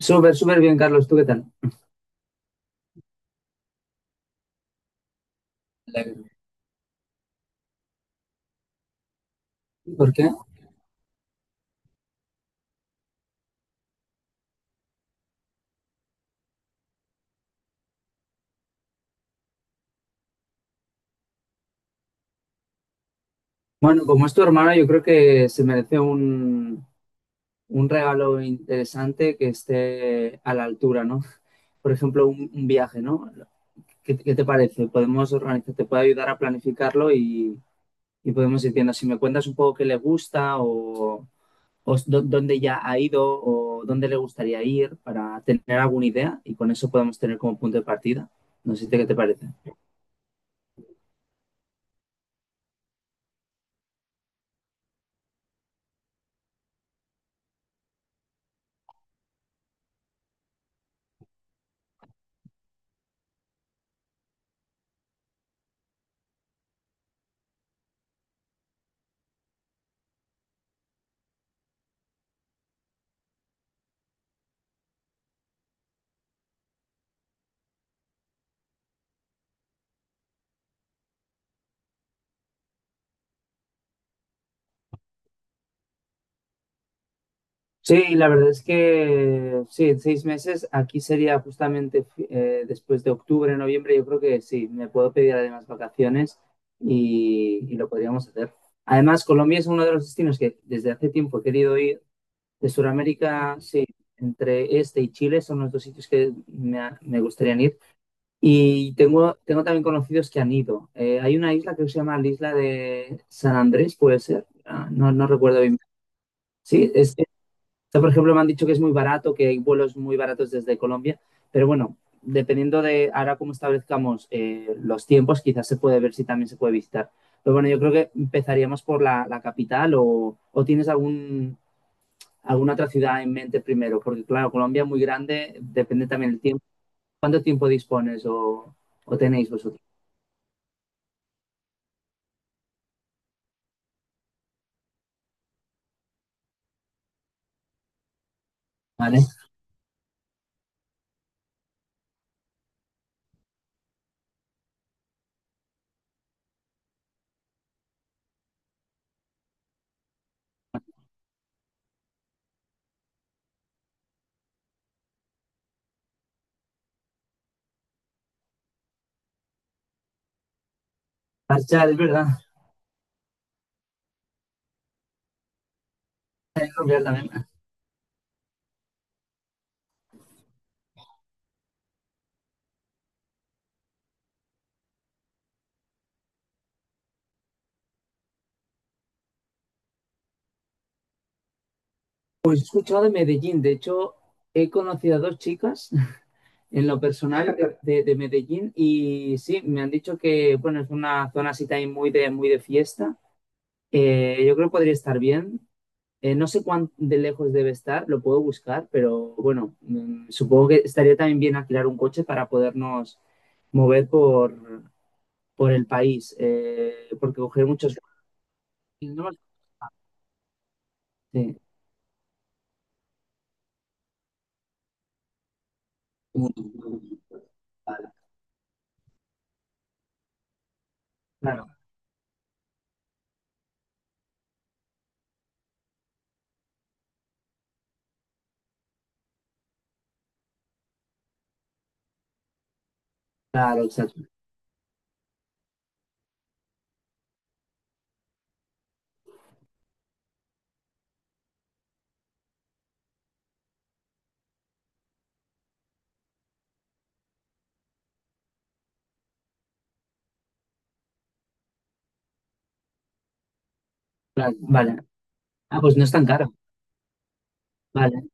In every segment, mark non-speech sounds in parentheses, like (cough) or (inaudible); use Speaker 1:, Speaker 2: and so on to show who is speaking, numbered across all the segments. Speaker 1: Súper, súper bien, Carlos. ¿Tú qué tal? Me ¿Por qué? Bueno, como es tu hermano, yo creo que se merece un regalo interesante que esté a la altura, ¿no? Por ejemplo, un viaje, ¿no? ¿Qué te parece? Podemos organizar, te puede ayudar a planificarlo y podemos ir viendo si me cuentas un poco qué le gusta o dónde ya ha ido o dónde le gustaría ir para tener alguna idea y con eso podemos tener como punto de partida. No sé qué te parece. Sí, la verdad es que sí, 6 meses. Aquí sería justamente después de octubre, noviembre. Yo creo que sí, me puedo pedir además vacaciones y lo podríamos hacer. Además, Colombia es uno de los destinos que desde hace tiempo he querido ir. De Sudamérica, sí, entre este y Chile son los dos sitios que me gustaría ir. Y tengo también conocidos que han ido. Hay una isla que se llama la isla de San Andrés, puede ser. Ah, no, no recuerdo bien. Sí, o sea, por ejemplo, me han dicho que es muy barato, que hay vuelos muy baratos desde Colombia, pero bueno, dependiendo de ahora cómo establezcamos los tiempos, quizás se puede ver si también se puede visitar. Pero bueno, yo creo que empezaríamos por la capital o tienes alguna otra ciudad en mente primero, porque claro, Colombia es muy grande, depende también del tiempo. ¿Cuánto tiempo dispones o tenéis vosotros? Vale. Marchar, es verdad. (laughs) He escuchado de Medellín, de hecho, he conocido a dos chicas en lo personal de Medellín y sí, me han dicho que bueno, es una zona así también muy de fiesta. Yo creo que podría estar bien. No sé cuán de lejos debe estar, lo puedo buscar, pero bueno, supongo que estaría también bien alquilar un coche para podernos mover por el país, porque coger muchos... no- sí. Vale, claro, claro, exacto. Claro, vale. Ah, pues no es tan caro. Vale.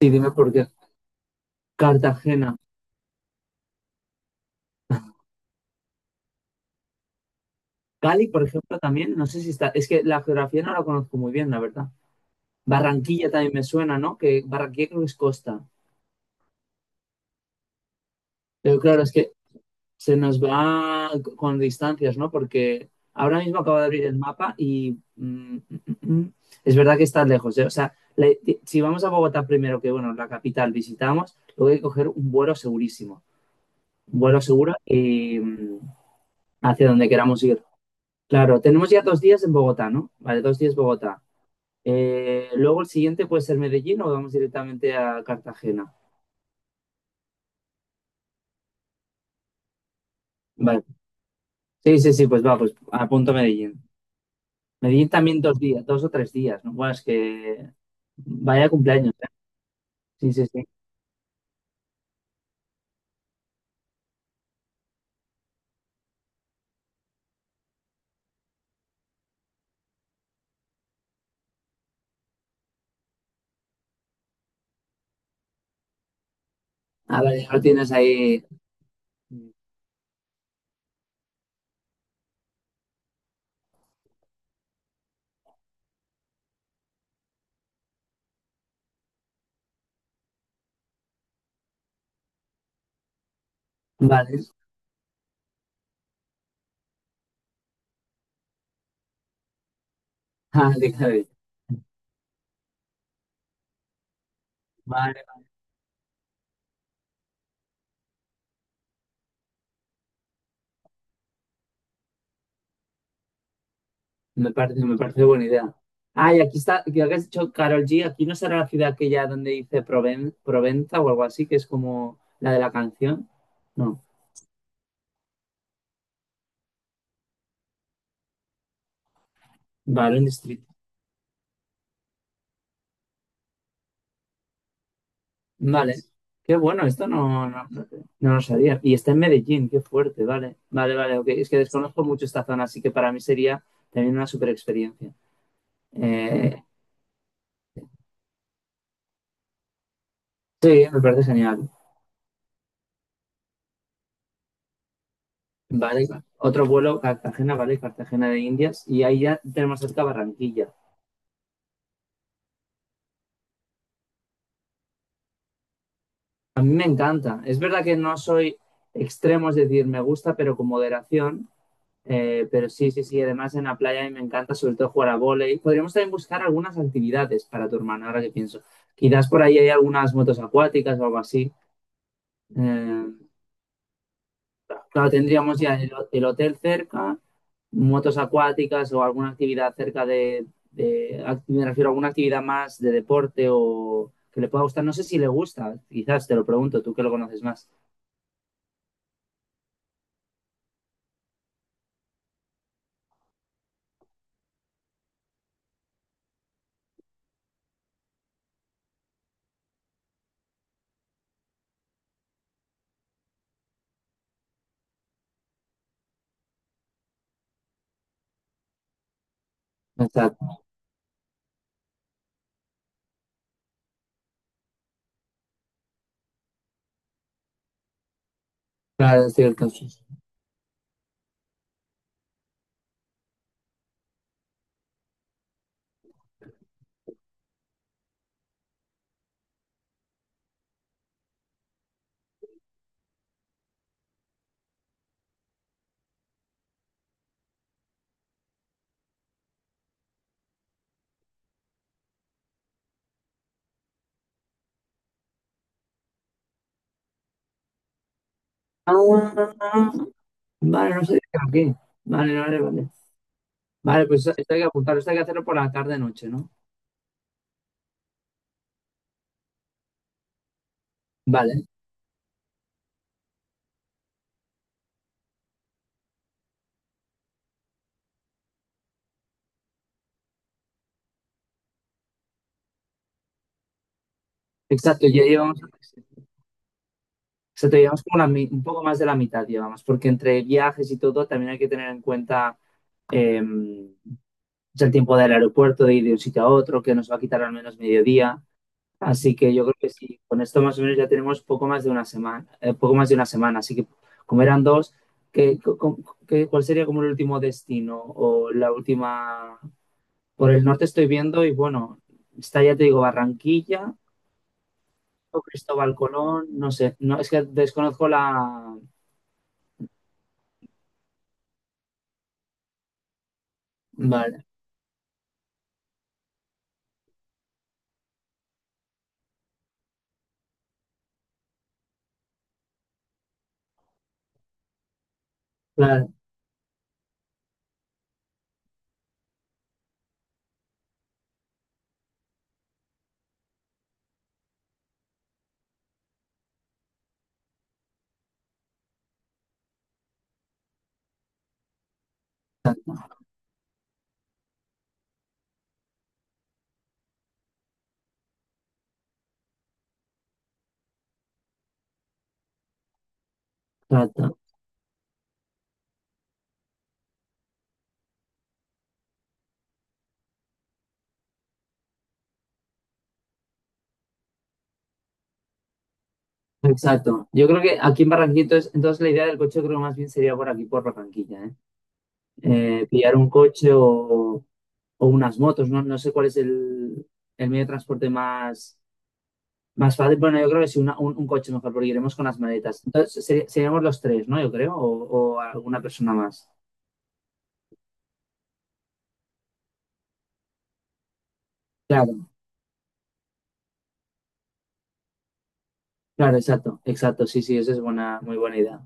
Speaker 1: Sí, dime por qué. Cartagena. Cali, por ejemplo, también, no sé si está, es que la geografía no la conozco muy bien, la verdad. Barranquilla también me suena, ¿no? Que Barranquilla creo que es costa. Pero claro, es que se nos va con distancias, ¿no? Porque ahora mismo acabo de abrir el mapa y mm, es verdad que está lejos, ¿eh? O sea, si vamos a Bogotá primero, que bueno, la capital visitamos, luego hay que coger un vuelo segurísimo. Un vuelo seguro y hacia donde queramos ir. Claro, tenemos ya 2 días en Bogotá, ¿no? Vale, 2 días Bogotá. Luego el siguiente puede ser Medellín o vamos directamente a Cartagena. Vale. Sí, sí, sí, pues va, pues apunto Medellín. Medellín también 2 días, 2 o 3 días, ¿no? Bueno, es que vaya cumpleaños, ¿eh? Sí, sí, sí. Ah, vale, ya lo tienes ahí. Vale. (laughs) Ah, déjame. Vale, me parece buena idea. Ah, y aquí está, que has dicho Carol G, aquí no será la ciudad aquella donde dice Provenza o algo así, que es como la de la canción. No, vale, un distrito. Vale, qué bueno, esto no lo sabía. Y está en Medellín, qué fuerte, vale. Vale, vale, ok. Es que desconozco mucho esta zona, así que para mí sería también una super experiencia. Eh, sí, me parece genial. Vale, otro vuelo, Cartagena, vale, Cartagena de Indias. Y ahí ya tenemos cerca Barranquilla. A mí me encanta. Es verdad que no soy extremo, es decir, me gusta, pero con moderación. Pero sí, sí, sí, además en la playa a mí me encanta sobre todo jugar a vóley. Podríamos también buscar algunas actividades para tu hermano, ahora que pienso. Quizás por ahí hay algunas motos acuáticas o algo así. Eh, claro, tendríamos ya el hotel cerca, motos acuáticas o alguna actividad cerca me refiero a alguna actividad más de deporte o que le pueda gustar. No sé si le gusta, quizás te lo pregunto, tú que lo conoces más. Exacto. Claro, estoy al caso. Ah, vale, no sé. De qué Vale, vale, vale. Vale, pues esto hay que apuntar, esto hay que hacerlo por la tarde-noche, ¿no? Vale, exacto, exacto, llevamos como un poco más de la mitad, llevamos, porque entre viajes y todo también hay que tener en cuenta em, es el tiempo del aeropuerto, de ir de un sitio a otro, que nos va a quitar al menos mediodía. Así que yo creo que sí, con esto más o menos ya tenemos poco más de una semana, poco más de una semana. Así que como eran dos, ¿qué, co- co- qué- cuál sería como el último destino o la última? Por el norte estoy viendo y bueno, está ya te digo Barranquilla o Cristóbal Colón, no sé, no es que desconozco la... Vale, claro, exacto, exacto. Exacto. Yo creo que aquí en Barranquilla, entonces, la idea del coche creo que más bien sería por aquí, por Barranquilla, ¿eh? Pillar un coche o unas motos, ¿no? No sé cuál es el medio de transporte más fácil. Bueno, yo creo que sí, un coche mejor, porque iremos con las maletas. Entonces, seríamos los tres, ¿no? Yo creo, o alguna persona más. Claro, exacto, exacto, sí, sí, esa es buena, muy buena idea.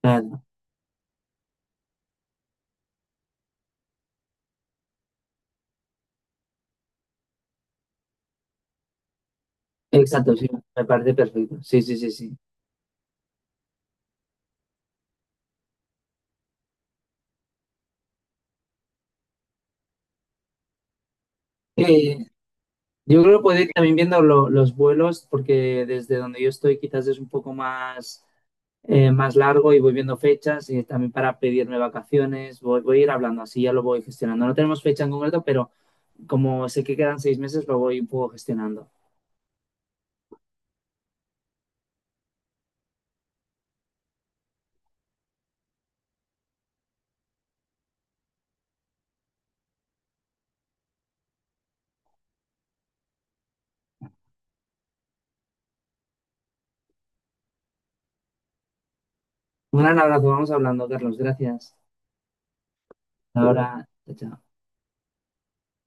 Speaker 1: Claro, exacto, sí, me parece perfecto. Sí, sí, sí, sí. Eh, yo creo que puede ir también viendo los vuelos, porque desde donde yo estoy quizás es un poco más largo y voy viendo fechas y también para pedirme vacaciones, voy a ir hablando así, ya lo voy gestionando. No tenemos fecha en concreto, pero como sé que quedan 6 meses, lo voy un poco gestionando. Un gran abrazo, vamos hablando, Carlos, gracias. Hasta ahora, chao. Chao.